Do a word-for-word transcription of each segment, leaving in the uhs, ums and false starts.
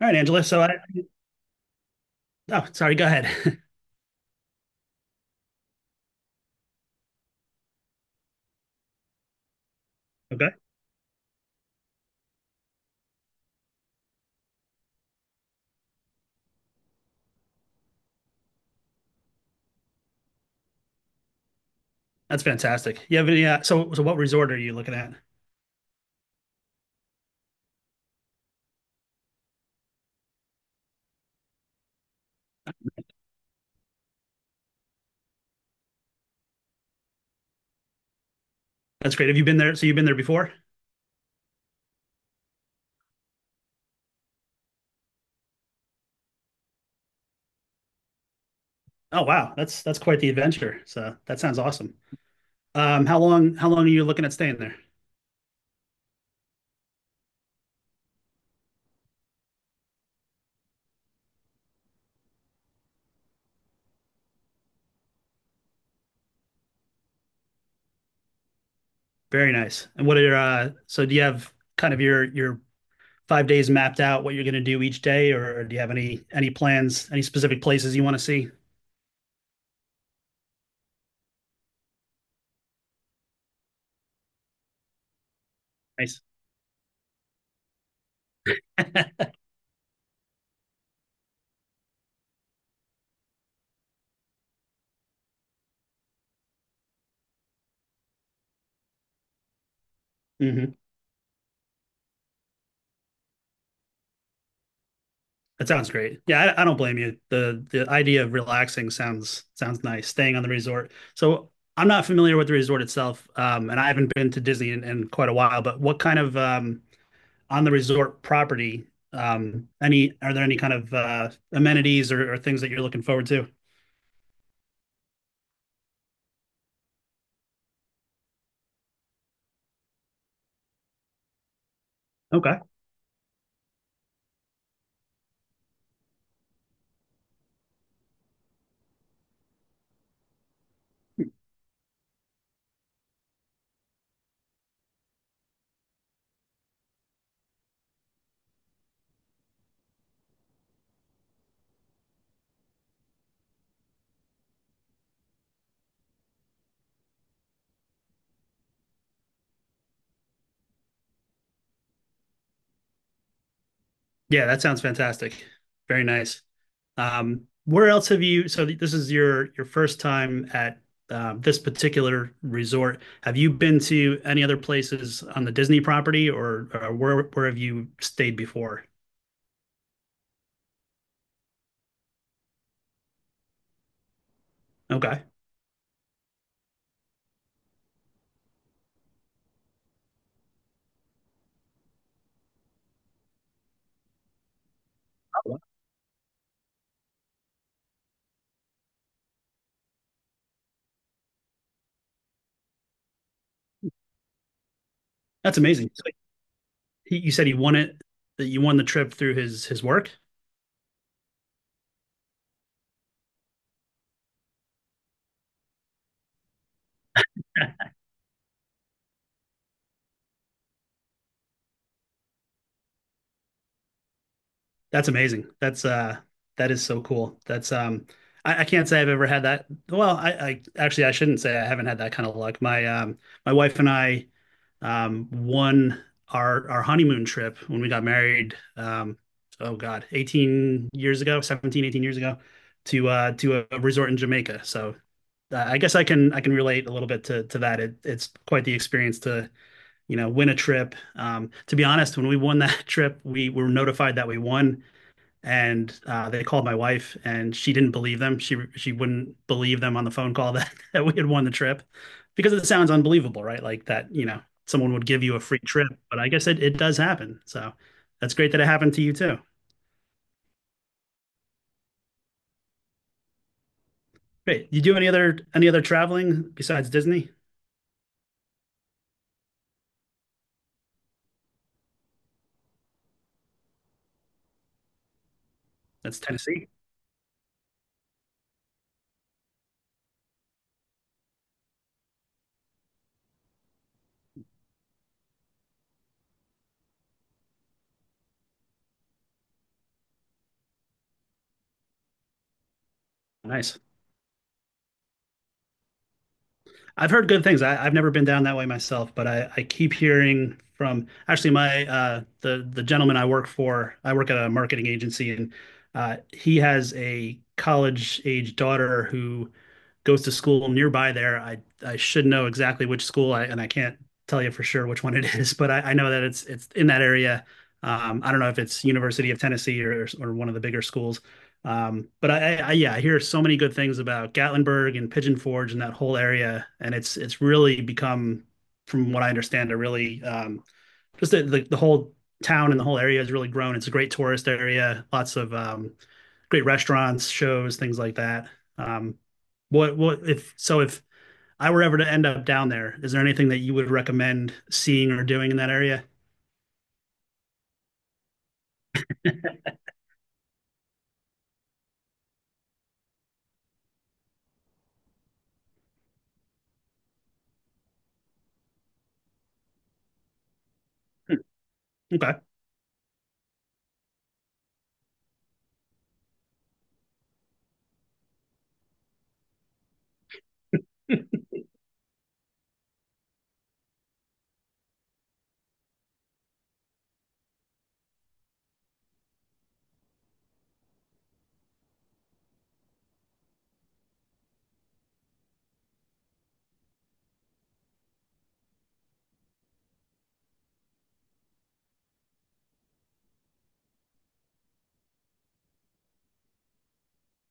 All right, Angela. So I, oh, sorry, go ahead. Okay. That's fantastic. You have any, uh, so, so what resort are you looking at? That's great. Have you been there? So you've been there before? Oh, wow. That's, that's quite the adventure. So that sounds awesome. Um, how long, how long are you looking at staying there? Very nice. And what are your, uh, so do you have kind of your, your five days mapped out what you're going to do each day, or do you have any, any plans, any specific places you want to see? Nice. Hmm. That sounds great. Yeah, I, I don't blame you. The the idea of relaxing sounds sounds nice. Staying on the resort. So I'm not familiar with the resort itself, um, and I haven't been to Disney in, in quite a while. But what kind of um, On the resort property? Um, any Are there any kind of uh, amenities or, or things that you're looking forward to? Okay. Yeah, that sounds fantastic. Very nice. Um, Where else have you? So this is your your first time at uh, this particular resort. Have you been to any other places on the Disney property, or or where where have you stayed before? Okay. That's amazing. So he, you said he won it, that you won the trip through his his work? That's amazing. That's uh that is so cool. That's um I I can't say I've ever had that. Well, I I actually, I shouldn't say I haven't had that kind of luck. My um My wife and I, um, one our our honeymoon trip, when we got married, um oh god, eighteen years ago, seventeen eighteen years ago, to uh to a resort in Jamaica. So uh, I guess I can I can relate a little bit to to that. It, it's quite the experience to you know win a trip. Um to be honest, when we won that trip, we were notified that we won. And uh, they called my wife, and she didn't believe them. She she wouldn't believe them on the phone call. that, that we had won the trip, because it sounds unbelievable, right? Like, that, you know someone would give you a free trip, but I guess it, it does happen. So that's great that it happened to you too. Great. You do any other any other traveling besides Disney? That's Tennessee. Nice. I've heard good things. I, I've never been down that way myself, but I, I keep hearing from, actually, my uh, the the gentleman I work for. I work at a marketing agency, and uh, he has a college age daughter who goes to school nearby there. I I should know exactly which school, I, and I can't tell you for sure which one it is, but I, I know that it's it's in that area. Um, I don't know if it's University of Tennessee or or one of the bigger schools. Um, but I, I, yeah, I hear so many good things about Gatlinburg and Pigeon Forge and that whole area, and it's it's really become, from what I understand, a really um, just the, the the whole town and the whole area has really grown. It's a great tourist area, lots of um, great restaurants, shows, things like that. Um, what what if so if I were ever to end up down there, is there anything that you would recommend seeing or doing in that area? Okay.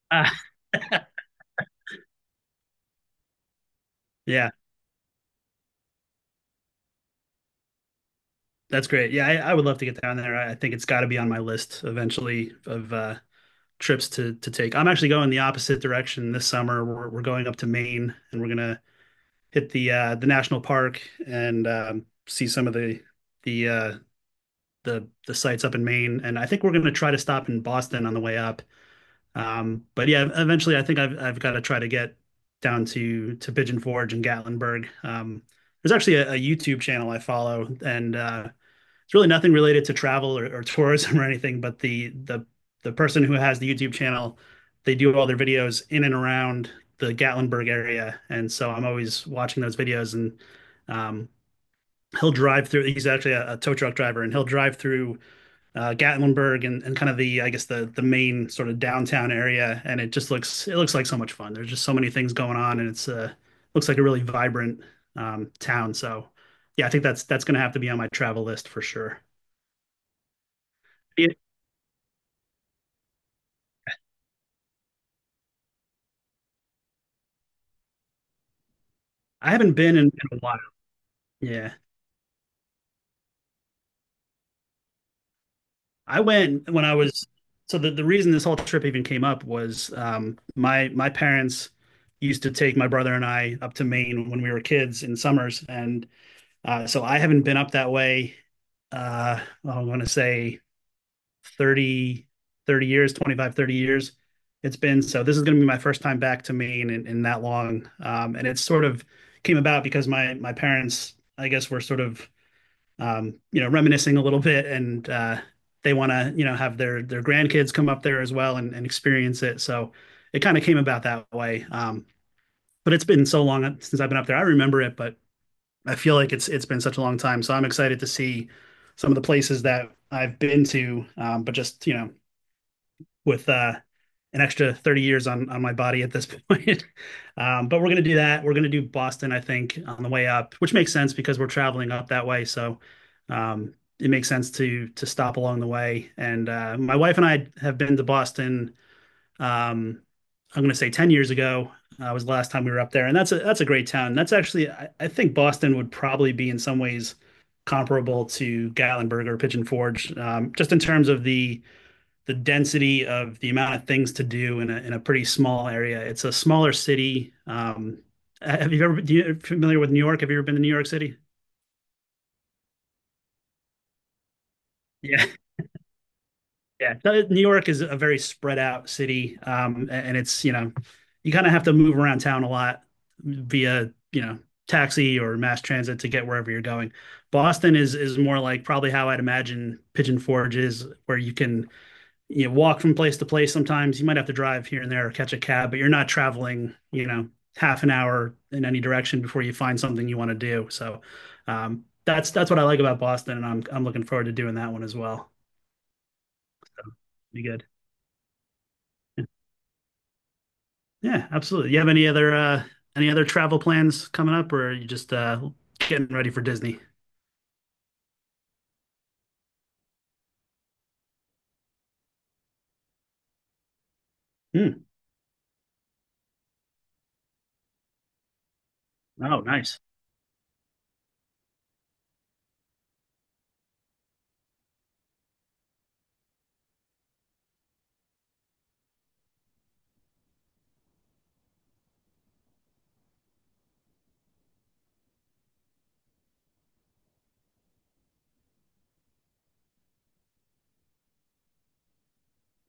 Ah, yeah, that's great. Yeah, I, I would love to get down there. I, I think it's got to be on my list eventually of uh, trips to to take. I'm actually going the opposite direction this summer. We're we're going up to Maine, and we're gonna hit the uh, the national park and um, see some of the the uh, the the sites up in Maine. And I think we're gonna try to stop in Boston on the way up. Um, but yeah, eventually I think I've I've got to try to get down to to Pigeon Forge and Gatlinburg. Um, there's actually a, a YouTube channel I follow, and uh, it's really nothing related to travel or, or tourism or anything, but the the the person who has the YouTube channel, they do all their videos in and around the Gatlinburg area. And so I'm always watching those videos, and um, he'll drive through. He's actually a, a tow truck driver, and he'll drive through uh, Gatlinburg, and, and kind of the, I guess, the the main sort of downtown area. And it just looks it looks like so much fun. There's just so many things going on, and it's uh, looks like a really vibrant um, town. So yeah, I think that's that's going to have to be on my travel list for sure. Yeah, I haven't been in, in a while. Yeah. I went when I was So the, the reason this whole trip even came up was um my my parents used to take my brother and I up to Maine when we were kids in summers. And uh so I haven't been up that way. Uh well, I'm going to say thirty thirty years, twenty-five thirty years it's been. So this is going to be my first time back to Maine in, in that long. Um and it sort of came about because my my parents, I guess, were sort of um, you know, reminiscing a little bit. And uh, they want to, you know, have their their grandkids come up there as well, and, and experience it. So it kind of came about that way. Um, but it's been so long since I've been up there. I remember it, but I feel like it's it's been such a long time. So I'm excited to see some of the places that I've been to, um, but just you know, with uh, an extra thirty years on on my body at this point. Um, but we're gonna do that. We're gonna do Boston, I think, on the way up, which makes sense because we're traveling up that way. So um, it makes sense to to stop along the way. And uh, my wife and I have been to Boston. Um, I'm gonna say ten years ago uh, was the last time we were up there, and that's a that's a great town. That's actually I, I think Boston would probably be in some ways comparable to Gatlinburg or Pigeon Forge, um, just in terms of the the density of the amount of things to do in a in a pretty small area. It's a smaller city. Um, have you ever been You familiar with New York? Have you ever been to New York City? Yeah, yeah. New York is a very spread out city, um, and it's you know you kind of have to move around town a lot via you know taxi or mass transit to get wherever you're going. Boston is is more like probably how I'd imagine Pigeon Forge is, where you can you walk from place to place. Sometimes you might have to drive here and there or catch a cab, but you're not traveling you know half an hour in any direction before you find something you want to do. So um, that's that's what I like about Boston, and i'm i'm looking forward to doing that one as well. Be good. Yeah, absolutely. You have any other uh any other travel plans coming up, or are you just uh getting ready for Disney? Hmm. Oh, nice.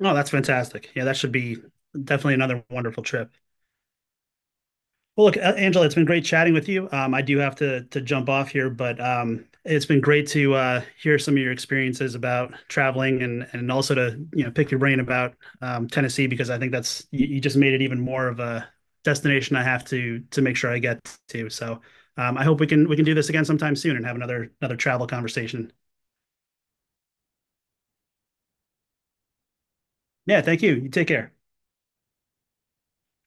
Oh, that's fantastic. Yeah, that should be definitely another wonderful trip. Well, look, uh, Angela, it's been great chatting with you. Um, I do have to to jump off here, but um, it's been great to uh, hear some of your experiences about traveling, and and also to you know pick your brain about um, Tennessee, because I think that's you, you just made it even more of a destination I have to to make sure I get to. So um, I hope we can we can do this again sometime soon, and have another another travel conversation. Yeah, thank you. You take care.